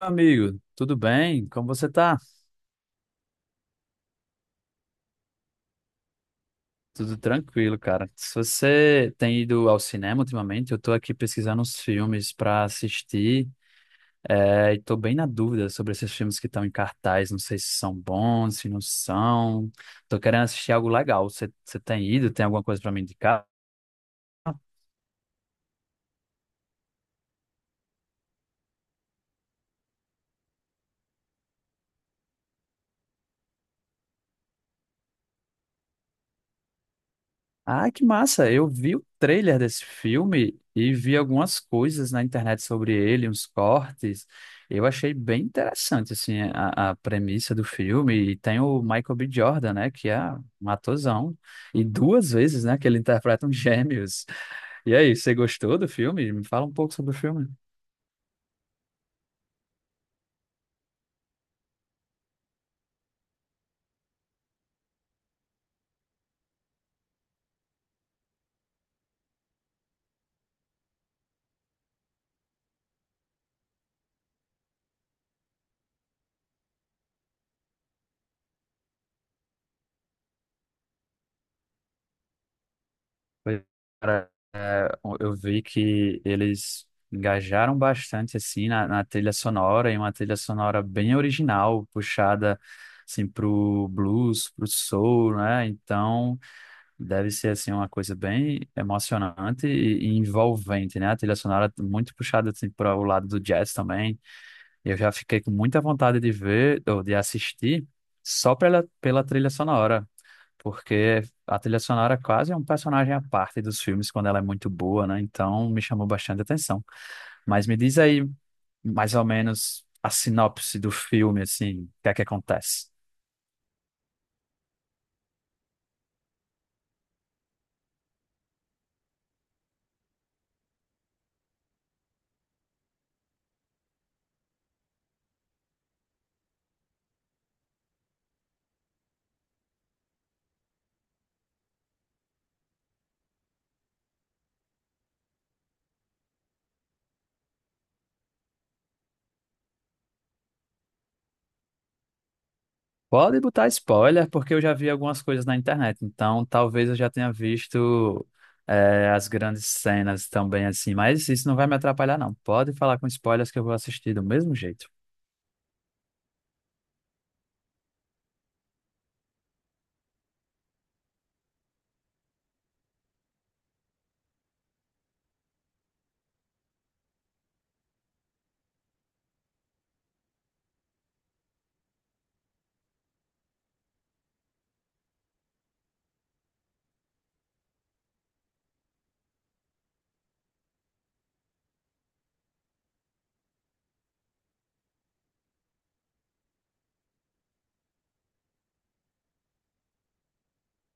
Amigo, tudo bem? Como você tá? Tudo tranquilo, cara. Se você tem ido ao cinema ultimamente, eu tô aqui pesquisando uns filmes pra assistir, e tô bem na dúvida sobre esses filmes que estão em cartaz, não sei se são bons, se não são. Tô querendo assistir algo legal. Você tem ido? Tem alguma coisa pra me indicar? Ah, que massa! Eu vi o trailer desse filme e vi algumas coisas na internet sobre ele, uns cortes. Eu achei bem interessante, assim, a premissa do filme. E tem o Michael B. Jordan, né, que é um atorzão. E duas vezes, né, que ele interpreta um gêmeos. E aí, você gostou do filme? Me fala um pouco sobre o filme. Foi. Eu vi que eles engajaram bastante assim na trilha sonora, e uma trilha sonora bem original, puxada assim pro blues, pro soul, né? Então, deve ser assim uma coisa bem emocionante e envolvente, né? A trilha sonora muito puxada assim para o lado do jazz também. Eu já fiquei com muita vontade de ver ou de assistir só pela trilha sonora porque a trilha sonora quase é um personagem à parte dos filmes quando ela é muito boa, né? Então me chamou bastante atenção. Mas me diz aí mais ou menos a sinopse do filme, assim, o que é que acontece? Pode botar spoiler, porque eu já vi algumas coisas na internet, então talvez eu já tenha visto as grandes cenas também, assim, mas isso não vai me atrapalhar, não. Pode falar com spoilers que eu vou assistir do mesmo jeito.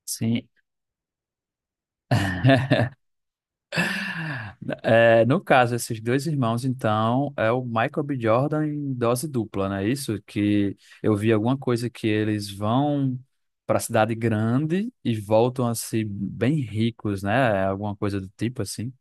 Sim. É, no caso, esses dois irmãos, então, é o Michael B. Jordan em dose dupla, né? Isso que eu vi alguma coisa que eles vão para a cidade grande e voltam a ser bem ricos, né? Alguma coisa do tipo assim.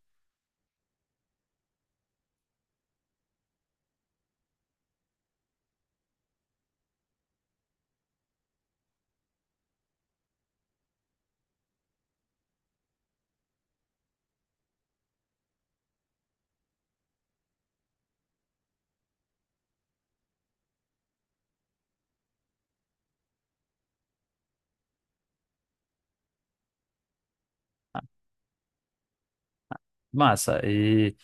Massa. E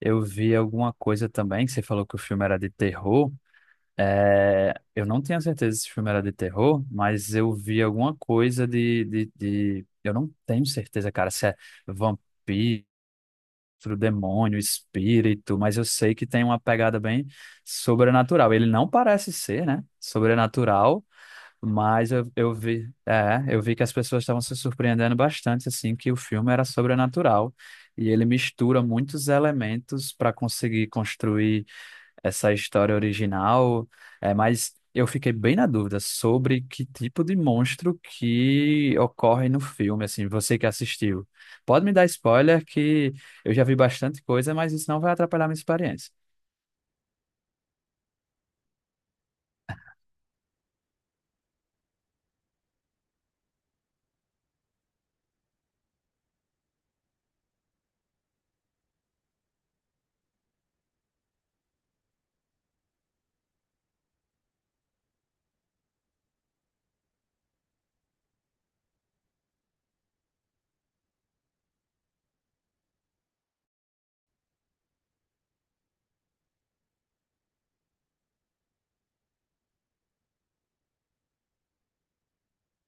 eu vi alguma coisa também que você falou que o filme era de terror. É, eu não tenho certeza se o filme era de terror, mas eu vi alguma coisa de... Eu não tenho certeza, cara, se é vampiro, monstro, demônio, espírito, mas eu sei que tem uma pegada bem sobrenatural. Ele não parece ser, né? Sobrenatural, mas eu vi, eu vi que as pessoas estavam se surpreendendo bastante, assim, que o filme era sobrenatural. E ele mistura muitos elementos para conseguir construir essa história original, mas eu fiquei bem na dúvida sobre que tipo de monstro que ocorre no filme, assim, você que assistiu. Pode me dar spoiler que eu já vi bastante coisa, mas isso não vai atrapalhar minha experiência.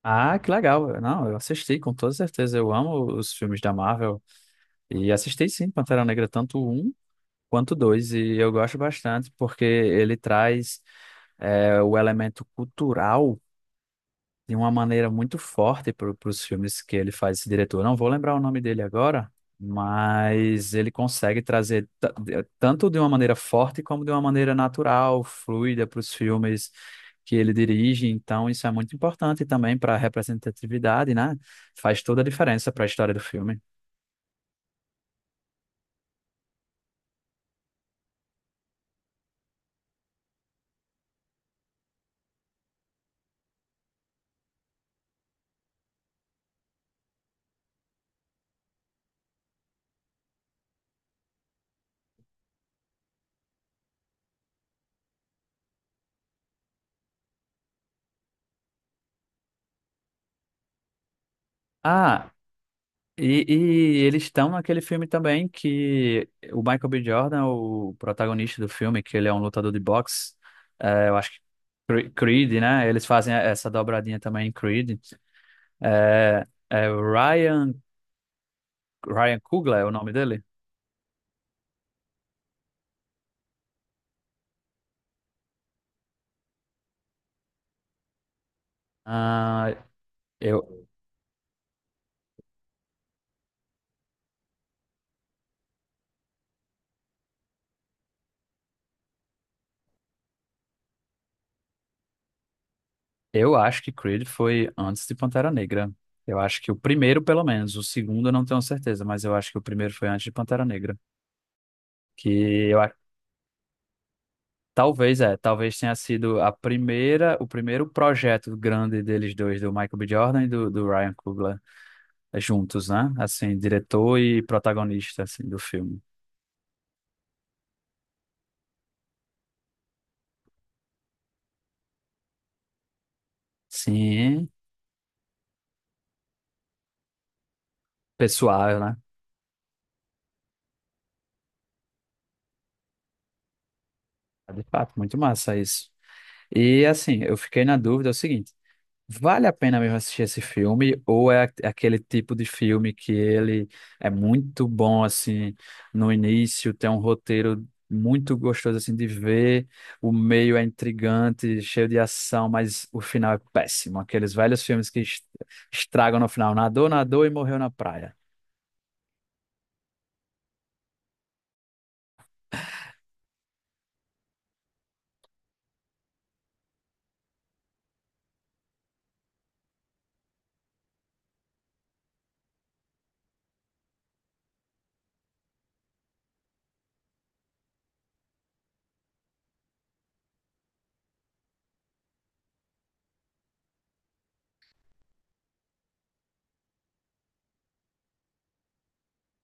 Ah, que legal. Não, eu assisti com toda certeza. Eu amo os filmes da Marvel e assisti sim Pantera Negra, tanto o um quanto o dois, e eu gosto bastante porque ele traz o elemento cultural de uma maneira muito forte para os filmes que ele faz, esse diretor. Não vou lembrar o nome dele agora, mas ele consegue trazer tanto de uma maneira forte como de uma maneira natural, fluida para os filmes que ele dirige. Então, isso é muito importante também para a representatividade, né? Faz toda a diferença para a história do filme. Ah. E eles estão naquele filme também que o Michael B. Jordan, o protagonista do filme, que ele é um lutador de boxe, é, eu acho que Creed, né? Eles fazem essa dobradinha também em Creed. É o Ryan, Ryan Coogler é o nome dele? Ah, eu, eu acho que Creed foi antes de Pantera Negra. Eu acho que o primeiro, pelo menos. O segundo eu não tenho certeza, mas eu acho que o primeiro foi antes de Pantera Negra. Que eu. Talvez talvez tenha sido a primeira, o primeiro projeto grande deles dois, do Michael B. Jordan e do Ryan Coogler, juntos, né? Assim, diretor e protagonista, assim, do filme. Sim, pessoal, né? De fato, muito massa isso. E assim, eu fiquei na dúvida é o seguinte, vale a pena mesmo assistir esse filme, ou é aquele tipo de filme que ele é muito bom, assim, no início, tem um roteiro muito gostoso, assim, de ver, o meio é intrigante, cheio de ação, mas o final é péssimo, aqueles velhos filmes que estragam no final, nadou, nadou e morreu na praia.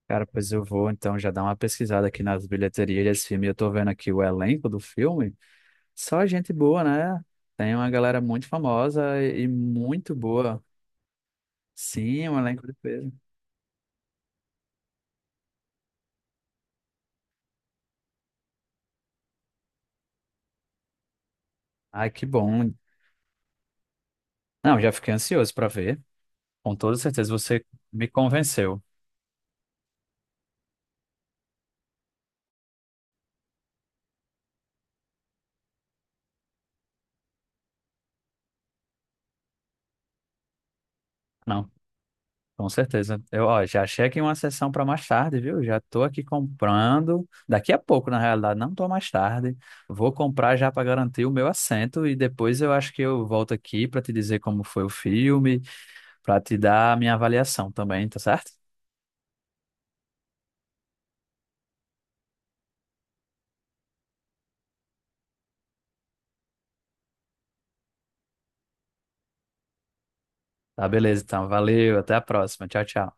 Cara, pois eu vou, então, já dar uma pesquisada aqui nas bilheterias desse filme, eu tô vendo aqui o elenco do filme, só gente boa, né? Tem uma galera muito famosa e muito boa. Sim, um elenco de peso. Ai, que bom. Não, já fiquei ansioso para ver. Com toda certeza você me convenceu. Não, com certeza. Eu, ó, já achei aqui uma sessão para mais tarde, viu? Já tô aqui comprando. Daqui a pouco, na realidade, não tô mais tarde. Vou comprar já para garantir o meu assento e depois eu acho que eu volto aqui para te dizer como foi o filme, para te dar a minha avaliação também, tá certo? Tá, beleza, então. Valeu, até a próxima. Tchau, tchau.